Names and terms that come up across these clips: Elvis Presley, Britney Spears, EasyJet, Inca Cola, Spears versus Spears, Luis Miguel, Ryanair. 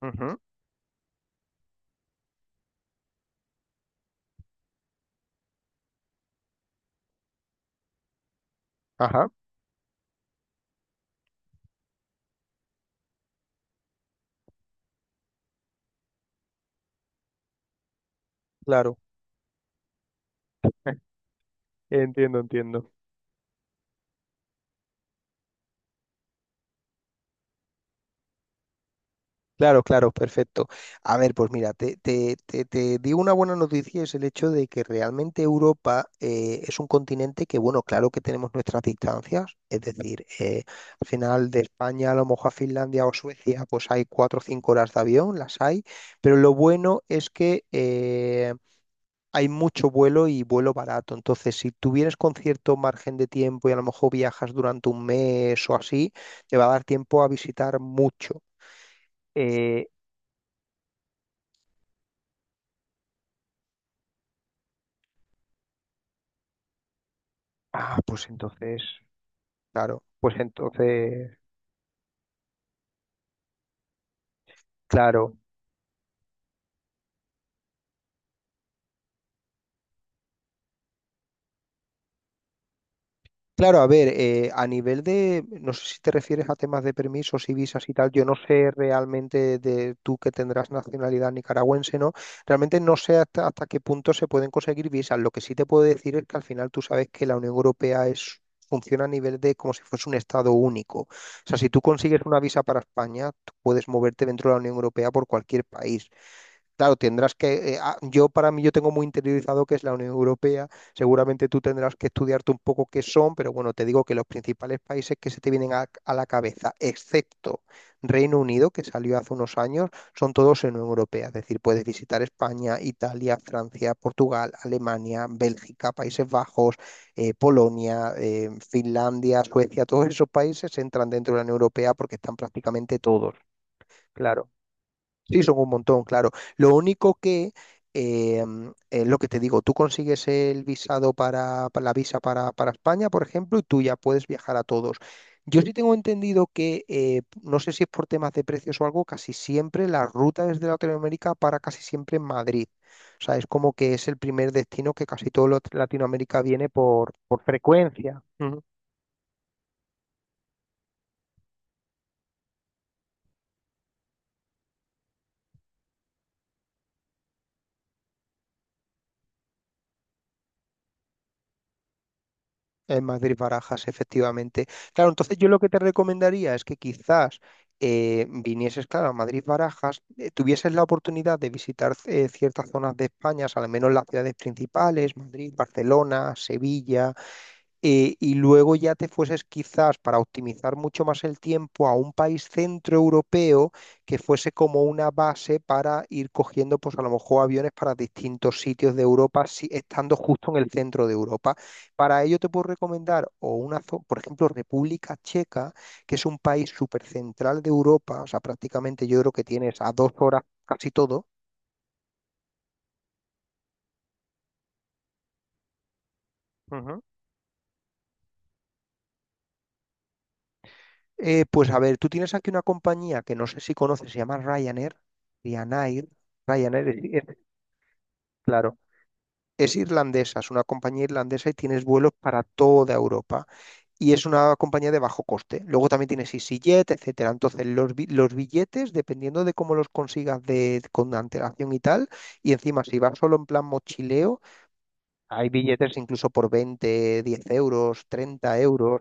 Ujú. Ajá. Claro, entiendo, entiendo. Claro, claro, perfecto. A ver, pues mira, te digo una buena noticia, es el hecho de que realmente Europa es un continente que, bueno, claro que tenemos nuestras distancias, es decir, al final de España a lo mejor a Finlandia o Suecia, pues hay 4 o 5 horas de avión, las hay, pero lo bueno es que hay mucho vuelo y vuelo barato. Entonces, si tuvieras con cierto margen de tiempo y a lo mejor viajas durante un mes o así, te va a dar tiempo a visitar mucho. Eh, ah, pues entonces, claro, pues entonces, claro. Claro, a ver, a nivel de, no sé si te refieres a temas de permisos y visas y tal, yo no sé realmente de tú que tendrás nacionalidad nicaragüense, ¿no? Realmente no sé hasta qué punto se pueden conseguir visas. Lo que sí te puedo decir es que al final tú sabes que la Unión Europea funciona a nivel de como si fuese un estado único. O sea, si tú consigues una visa para España, tú puedes moverte dentro de la Unión Europea por cualquier país. Claro, tendrás que, yo tengo muy interiorizado que es la Unión Europea, seguramente tú tendrás que estudiarte un poco qué son, pero bueno, te digo que los principales países que se te vienen a la cabeza, excepto Reino Unido, que salió hace unos años, son todos en Unión Europea, es decir, puedes visitar España, Italia, Francia, Portugal, Alemania, Bélgica, Países Bajos, Polonia, Finlandia, Suecia, todos esos países entran dentro de la Unión Europea porque están prácticamente todos. Claro. Sí, son un montón, claro. Lo único que, em, es lo que te digo, tú consigues el visado para la visa para España, por ejemplo, y tú ya puedes viajar a todos. Yo sí tengo entendido que, no sé si es por temas de precios o algo, casi siempre la ruta desde Latinoamérica para casi siempre en Madrid. O sea, es como que es el primer destino que casi todo Latinoamérica viene por frecuencia. En Madrid Barajas, efectivamente. Claro, entonces yo lo que te recomendaría es que quizás vinieses, claro, a Madrid Barajas, tuvieses la oportunidad de visitar ciertas zonas de España, al menos las ciudades principales, Madrid, Barcelona, Sevilla, y luego ya te fueses quizás para optimizar mucho más el tiempo a un país centroeuropeo que fuese como una base para ir cogiendo pues a lo mejor aviones para distintos sitios de Europa, si, estando justo en el centro de Europa. Para ello te puedo recomendar por ejemplo, República Checa, que es un país súper central de Europa, o sea, prácticamente yo creo que tienes a 2 horas casi todo. Ujú. Pues a ver, tú tienes aquí una compañía que no sé si conoces, se llama Ryanair, Ryanair, es- es- claro, es irlandesa, es una compañía irlandesa y tienes vuelos para toda Europa. Y es una compañía de bajo coste. Luego también tienes EasyJet, etcétera. Entonces, los billetes, dependiendo de cómo los consigas con antelación y tal, y encima si vas solo en plan mochileo, hay billetes incluso por 20, 10 euros, 30 euros.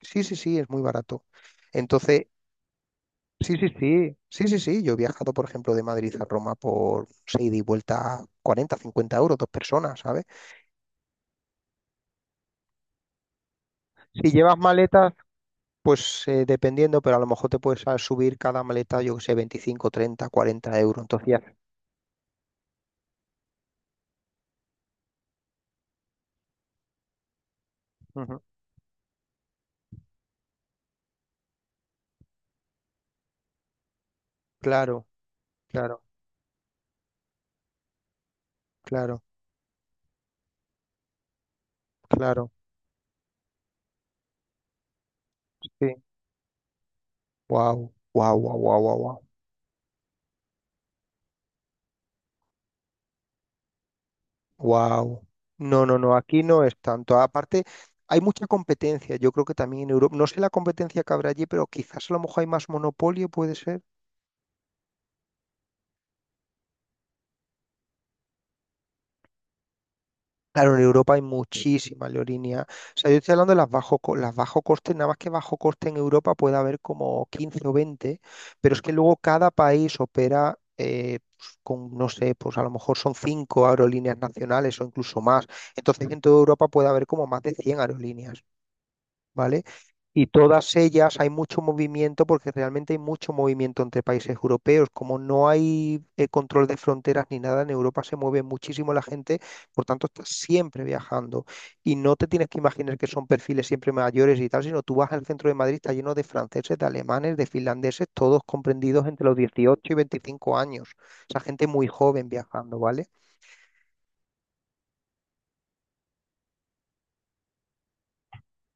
Sí, sí, sí, es muy barato. Entonces, sí, sí, sí, sí, sí, sí. Yo he viajado, por ejemplo, de Madrid a Roma por seis ida y vuelta 40, 50 euros, dos personas, ¿sabes? Si llevas maletas, pues dependiendo, pero a lo mejor te puedes subir cada maleta, yo que sé, 25, 30, 40 euros. Entonces. Ujú. Claro, claro, claro, claro. Sí. Wow, wow, wow, wow, wow, wow. Wow. No, no, no, aquí no es tanto. Aparte, hay mucha competencia. Yo creo que también en Europa, no sé la competencia que habrá allí, pero quizás a lo mejor hay más monopolio, puede ser. Claro, en Europa hay muchísima leorinia. O sea, yo estoy hablando de las bajo coste, nada más que bajo coste en Europa puede haber como 15 o 20, pero es que luego cada país opera pues, con, no sé, pues a lo mejor son 5 aerolíneas nacionales o incluso más. Entonces en toda Europa puede haber como más de 100 aerolíneas, ¿vale? Y todas ellas hay mucho movimiento porque realmente hay mucho movimiento entre países europeos. Como no hay control de fronteras ni nada, en Europa se mueve muchísimo la gente, por tanto estás siempre viajando. Y no te tienes que imaginar que son perfiles siempre mayores y tal, sino tú vas al centro de Madrid, está lleno de franceses, de alemanes, de finlandeses, todos comprendidos entre los 18 y 25 años. O sea, gente muy joven viajando, ¿vale?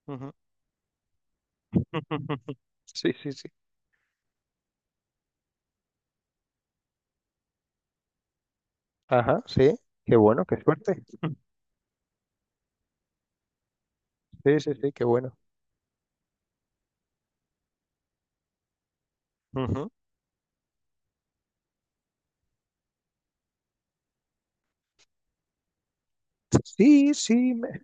Ujú. Sí, sí, sí. Ajá, sí. Qué bueno, qué suerte. Sí, sí, sí, qué bueno. Ujú. Sí, sí.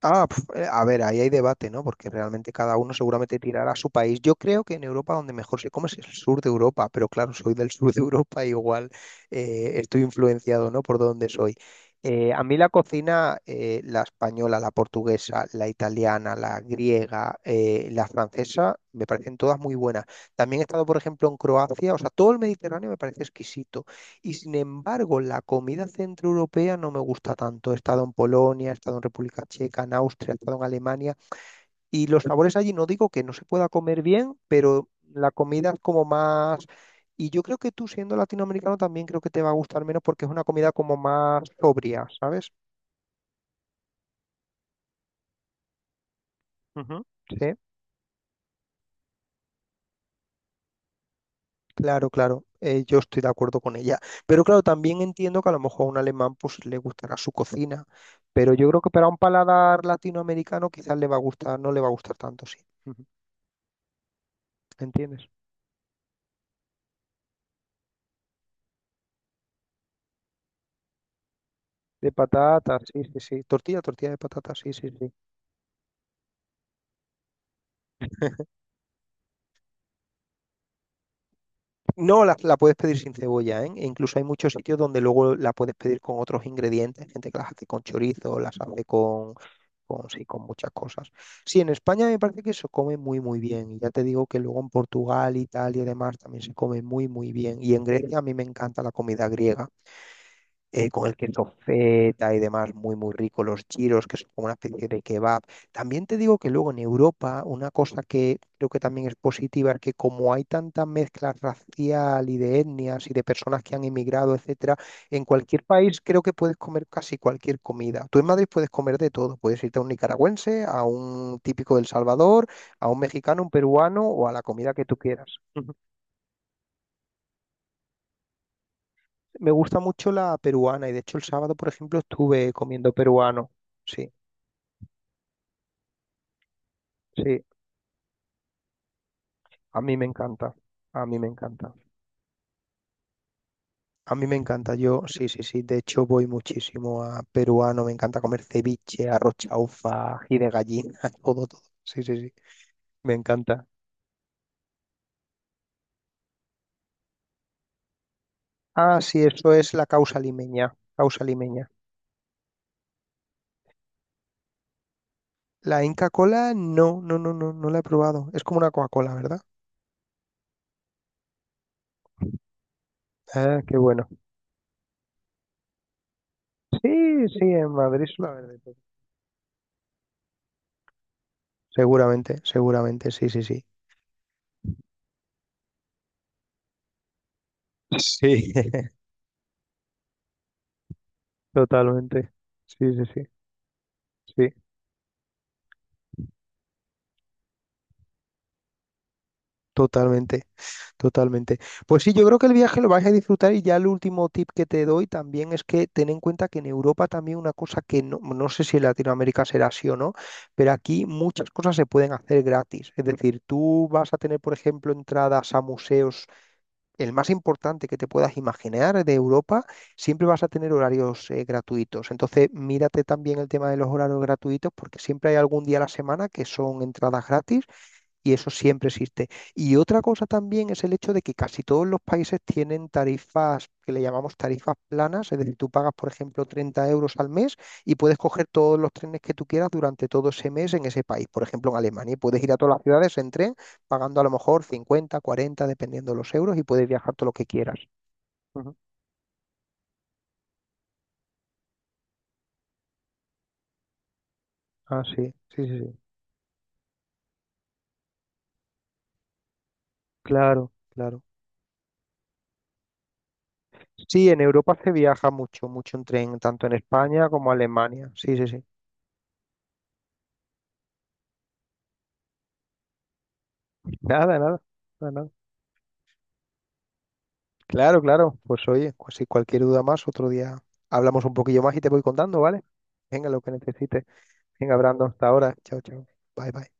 Ah, a ver, ahí hay debate, ¿no? Porque realmente cada uno seguramente tirará a su país. Yo creo que en Europa donde mejor se come es el sur de Europa, pero claro, soy del sur de Europa, igual estoy influenciado, ¿no? Por donde soy. A mí la cocina, la española, la portuguesa, la italiana, la griega, la francesa, me parecen todas muy buenas. También he estado, por ejemplo, en Croacia, o sea, todo el Mediterráneo me parece exquisito. Y sin embargo, la comida centroeuropea no me gusta tanto. He estado en Polonia, he estado en República Checa, en Austria, he estado en Alemania. Y los sabores allí no digo que no se pueda comer bien, pero la comida es como más. Y yo creo que tú siendo latinoamericano también creo que te va a gustar menos porque es una comida como más sobria, ¿sabes? Ujú. Sí. Claro, claro, yo estoy de acuerdo con ella. Pero claro, también entiendo que a lo mejor a un alemán pues le gustará su cocina, pero yo creo que para un paladar latinoamericano quizás le va a gustar, no le va a gustar tanto, sí. Ujú. ¿Entiendes? De patatas, sí, sí, sí. Tortilla, tortilla de patatas, sí, sí, sí. No, la puedes pedir sin cebolla, ¿eh? E incluso hay muchos sitios donde luego la puedes pedir con otros ingredientes, gente que las hace con chorizo, las hace con, sí, con muchas cosas. Sí, en España me parece que se come muy, muy bien. Y ya te digo que luego en Portugal, Italia y demás también se come muy, muy bien. Y en Grecia a mí me encanta la comida griega con el queso feta y demás, muy, muy rico, los gyros, que son como una especie de kebab. También te digo que luego en Europa, una cosa que creo que también es positiva es que como hay tanta mezcla racial y de etnias y de personas que han emigrado, etcétera, en cualquier país creo que puedes comer casi cualquier comida. Tú en Madrid puedes comer de todo, puedes irte a un nicaragüense, a un típico del Salvador, a un mexicano, un peruano o a la comida que tú quieras. Me gusta mucho la peruana y de hecho el sábado, por ejemplo, estuve comiendo peruano. Sí, sí, a mí me encanta. A mí me encanta. A mí me encanta. Yo, sí, sí, sí. De hecho, voy muchísimo a peruano. Me encanta comer ceviche, arroz chaufa, ají de gallina, todo, todo. Sí, sí, sí. Me encanta. Ah, sí, eso es la causa limeña. Causa limeña. La Inca Cola, no, no, no, no, no la he probado. Es como una Coca-Cola, ¿verdad? Ah, qué bueno. Sí, sí, en Madrid suele haber de todo. Seguramente, seguramente, sí, sí, sí. Sí, totalmente. Sí, sí, sí, sí, totalmente, totalmente. Pues sí, yo creo que el viaje lo vais a disfrutar y ya el último tip que te doy también es que ten en cuenta que en Europa también una cosa que no sé si en Latinoamérica será así o no, pero aquí muchas cosas se pueden hacer gratis. Es decir, tú vas a tener, por ejemplo, entradas a museos el más importante que te puedas imaginar de Europa, siempre vas a tener horarios gratuitos. Entonces, mírate también el tema de los horarios gratuitos porque siempre hay algún día a la semana que son entradas gratis y eso siempre existe. Y otra cosa también es el hecho de que casi todos los países tienen tarifas que le llamamos tarifas planas, es decir, tú pagas, por ejemplo, 30 euros al mes y puedes coger todos los trenes que tú quieras durante todo ese mes en ese país. Por ejemplo, en Alemania, puedes ir a todas las ciudades en tren pagando a lo mejor 50 40 dependiendo de los euros, y puedes viajar todo lo que quieras. Ujú. Ah, sí, sí, sí, sí. Claro, claro. Sí, en Europa se viaja mucho, mucho en tren, tanto en España como Alemania. Sí, sí, sí. Nada, nada. Nada. Claro, claro. Pues oye, pues si cualquier duda más, otro día hablamos un poquillo más y te voy contando, ¿vale? Venga, lo que necesites. Venga, Brando, hasta ahora. Chao, chao. Bye, bye.